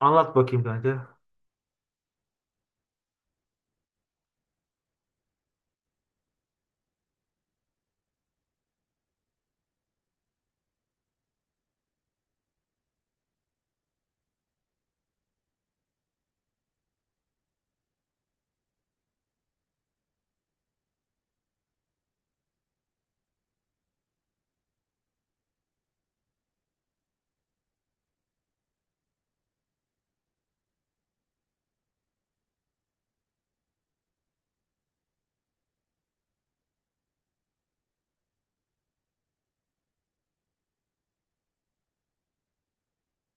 Anlat bakayım kanka.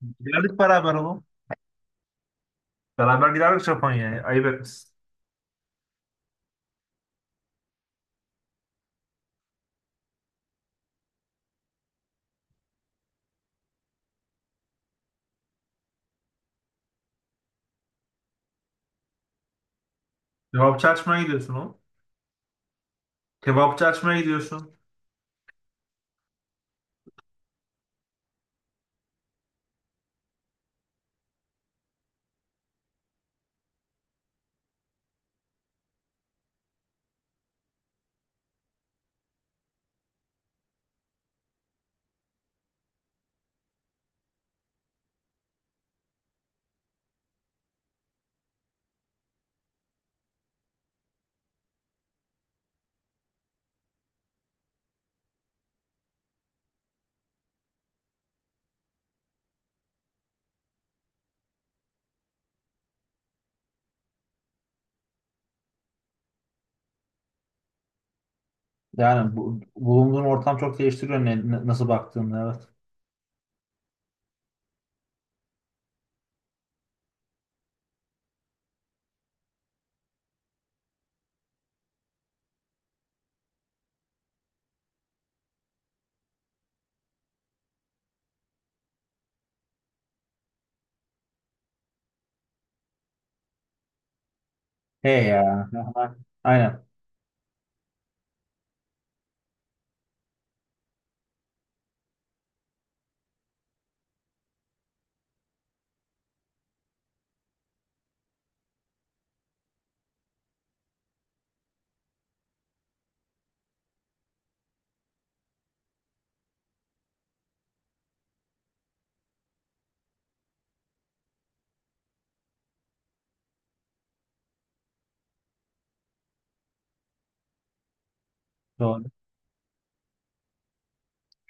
Giderdik beraber oğlum. Beraber giderdik Japonya'ya. Ayıp etmişsin. Kebapçı açmaya gidiyorsun oğlum. Kebapçı açmaya gidiyorsun. Yani bu, bulunduğun ortam çok değiştiriyor nasıl baktığını, evet. He ya. Aha, aynen. Doğru.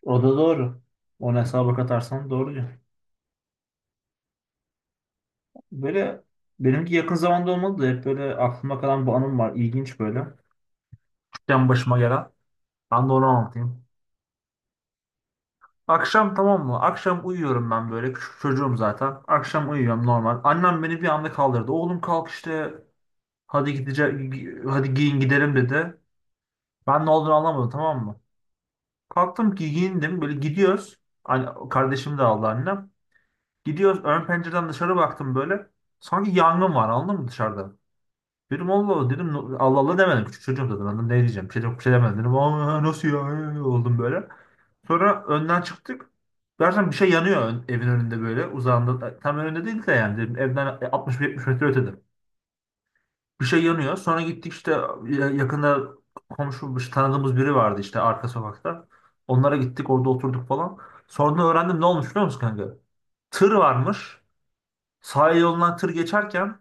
O da doğru. Onu hesaba katarsan doğru diyor. Böyle benimki yakın zamanda olmadı da hep böyle aklıma kalan bu anım var. İlginç böyle. Küçükken başıma gelen. Ben de onu anlatayım. Akşam, tamam mı? Akşam uyuyorum ben böyle. Küçük çocuğum zaten. Akşam uyuyorum normal. Annem beni bir anda kaldırdı. Oğlum kalk işte. Hadi gidecek. Hadi giyin gidelim dedi. Ben ne olduğunu anlamadım, tamam mı? Kalktım ki giyindim. Böyle gidiyoruz. Anne, kardeşim de aldı annem. Gidiyoruz. Ön pencereden dışarı baktım böyle. Sanki yangın var, anladın mı, dışarıda? Dedim Allah Allah dedim. No- Allah Allah demedim. Küçük çocuğum zaten, anladım ne diyeceğim. Bir şey, yok, bir şey demedim dedim. Aa, nasıl ya. Oldum böyle. Sonra önden çıktık. Gerçekten bir şey yanıyor, evin önünde böyle, uzağında. Tam önünde değil de, yani dedim, evden 60-70 metre ötede. Bir şey yanıyor. Sonra gittik işte, yakında komşu, işte tanıdığımız biri vardı işte, arka sokakta. Onlara gittik, orada oturduk falan. Sonra öğrendim ne olmuş biliyor musun kanka? Tır varmış. Sahil yolundan tır geçerken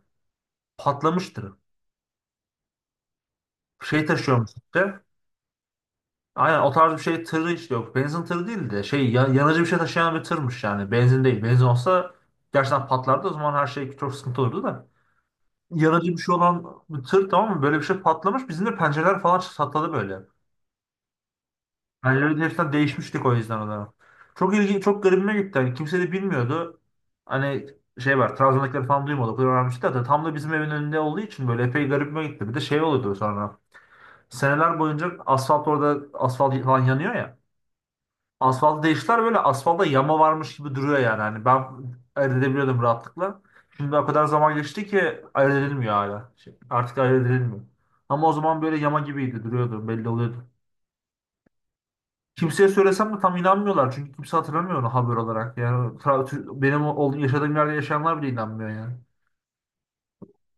patlamış tırı. Şey taşıyormuş işte. Aynen o tarz bir şey tırı işte, yok. Benzin tırı değil de şey, yanıcı bir şey taşıyan bir tırmış yani. Benzin değil. Benzin olsa gerçekten patlardı. O zaman her şey çok sıkıntı olurdu da. Yanıcı bir şey olan bir tır, tamam mı? Böyle bir şey patlamış. Bizim de pencereler falan çatladı böyle. Pencereleri hepsinden değişmiştik o yüzden o zaman. Çok ilgi, çok garibime gitti. Hani kimse de bilmiyordu. Hani şey var, Trabzon'dakileri falan duymadı. O kadar öğrenmişti zaten. Tam da bizim evin önünde olduğu için böyle epey garibime gitti. Bir de şey oluyordu sonra. Seneler boyunca asfalt, orada asfalt falan yanıyor ya. Asfaltı değiştiler, böyle asfalda yama varmış gibi duruyor yani. Hani ben ayırt edebiliyordum rahatlıkla. Şimdi o kadar zaman geçti ki ayırt edilmiyor hala. Şey, artık ayırt edilmiyor. Ama o zaman böyle yama gibiydi, duruyordu, belli oluyordu. Kimseye söylesem de tam inanmıyorlar çünkü kimse hatırlamıyor onu haber olarak. Yani benim olduğum, yaşadığım yerde yaşayanlar bile inanmıyor yani.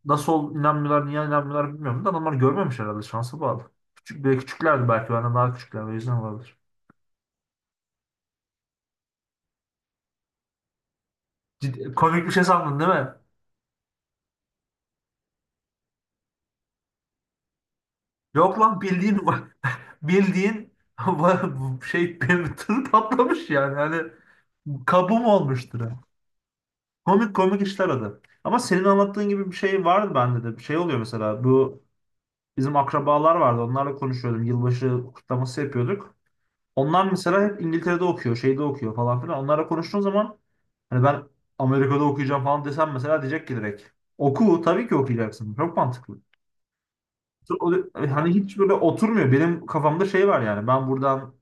İnanmıyorlar, niye inanmıyorlar bilmiyorum da adamlar görmemiş herhalde, şansa bağlı. Küçük, böyle küçüklerdi, belki benden daha küçükler, o yüzden olabilir. Komik bir şey sandın değil mi? Yok lan, bildiğin bu. Bildiğin şey, bir tır patlamış yani. Hani kabuğum olmuştur. Komik komik işler o. Ama senin anlattığın gibi bir şey vardı bende de. Bir şey oluyor mesela. Bu bizim akrabalar vardı. Onlarla konuşuyordum. Yılbaşı kutlaması yapıyorduk. Onlar mesela hep İngiltere'de okuyor, şeyde okuyor falan filan. Onlarla konuştuğun zaman hani ben Amerika'da okuyacağım falan desem mesela, diyecek ki direkt oku, tabii ki okuyacaksın. Çok mantıklı. Hani hiç böyle oturmuyor. Benim kafamda şey var yani. Ben buradan,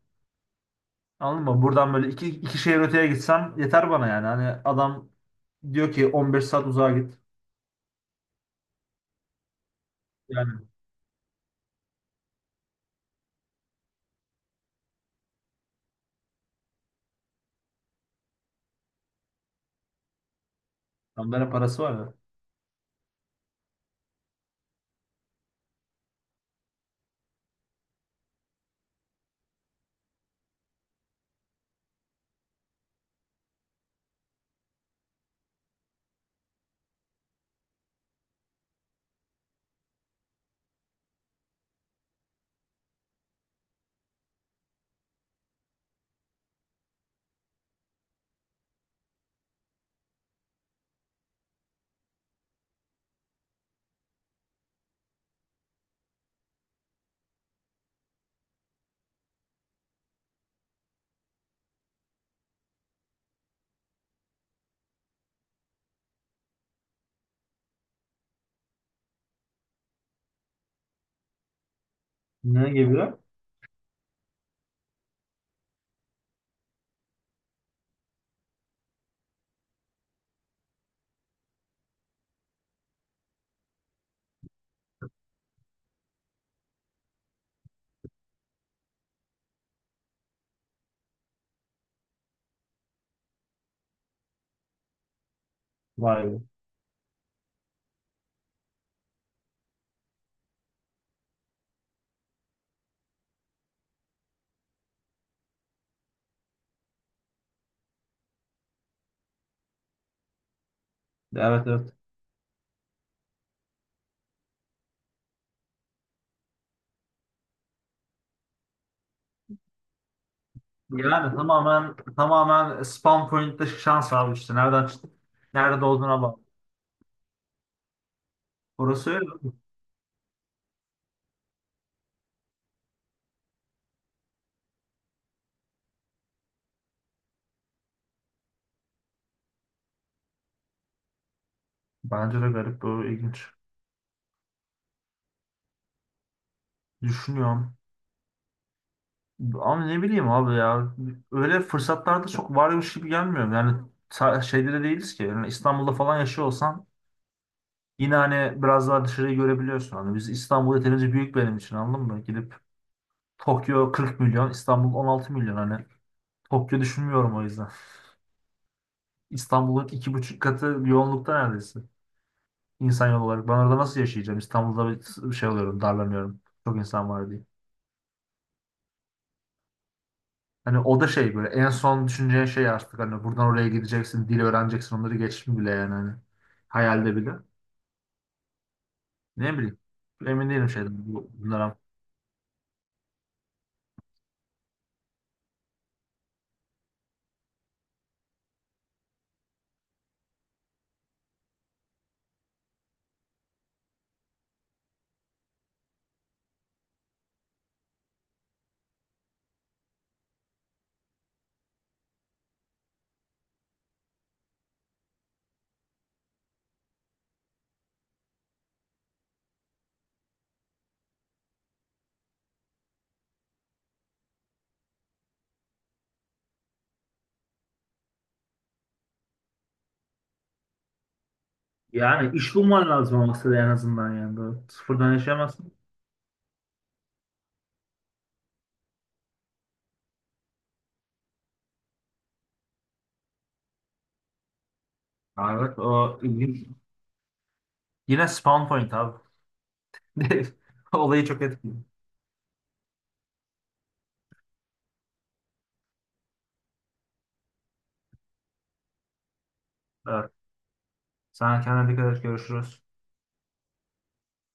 anladın mı, buradan böyle iki şehir öteye gitsem yeter bana yani. Hani adam diyor ki 15 saat uzağa git. Yani adamların parası var ya. Ne gibi? Vay be. Evet, evet. Yani tamamen spawn point'te şans abi işte. Nereden çıktık? Nerede olduğuna bak. Orası öyle. Bence de garip bu, ilginç. Düşünüyorum. Ama ne bileyim abi ya. Öyle fırsatlarda çok varmış gibi gelmiyor. Yani şeyde de değiliz ki. Yani İstanbul'da falan yaşıyor olsan yine hani biraz daha dışarıyı görebiliyorsun. Hani biz İstanbul yeterince büyük benim için, anladın mı? Gidip Tokyo 40 milyon, İstanbul 16 milyon. Hani Tokyo düşünmüyorum o yüzden. İstanbul'un iki buçuk katı yoğunlukta neredeyse. İnsan yolu olarak. Ben orada nasıl yaşayacağım? İstanbul'da bir şey oluyorum, darlanıyorum. Çok insan var diye. Hani o da şey, böyle en son düşüneceğin şey artık, hani buradan oraya gideceksin, dil öğreneceksin, onları geçtim bile yani hani. Hayalde bile. Ne bileyim. Emin değilim şeyden, bunlara. Yani iş bulman lazım olması da en azından yani. Böyle sıfırdan yaşayamazsın. Ha, evet, o ilginç. Yine spawn point abi. Olayı çok etkili. Evet. Sana kendine dikkat et. Görüşürüz.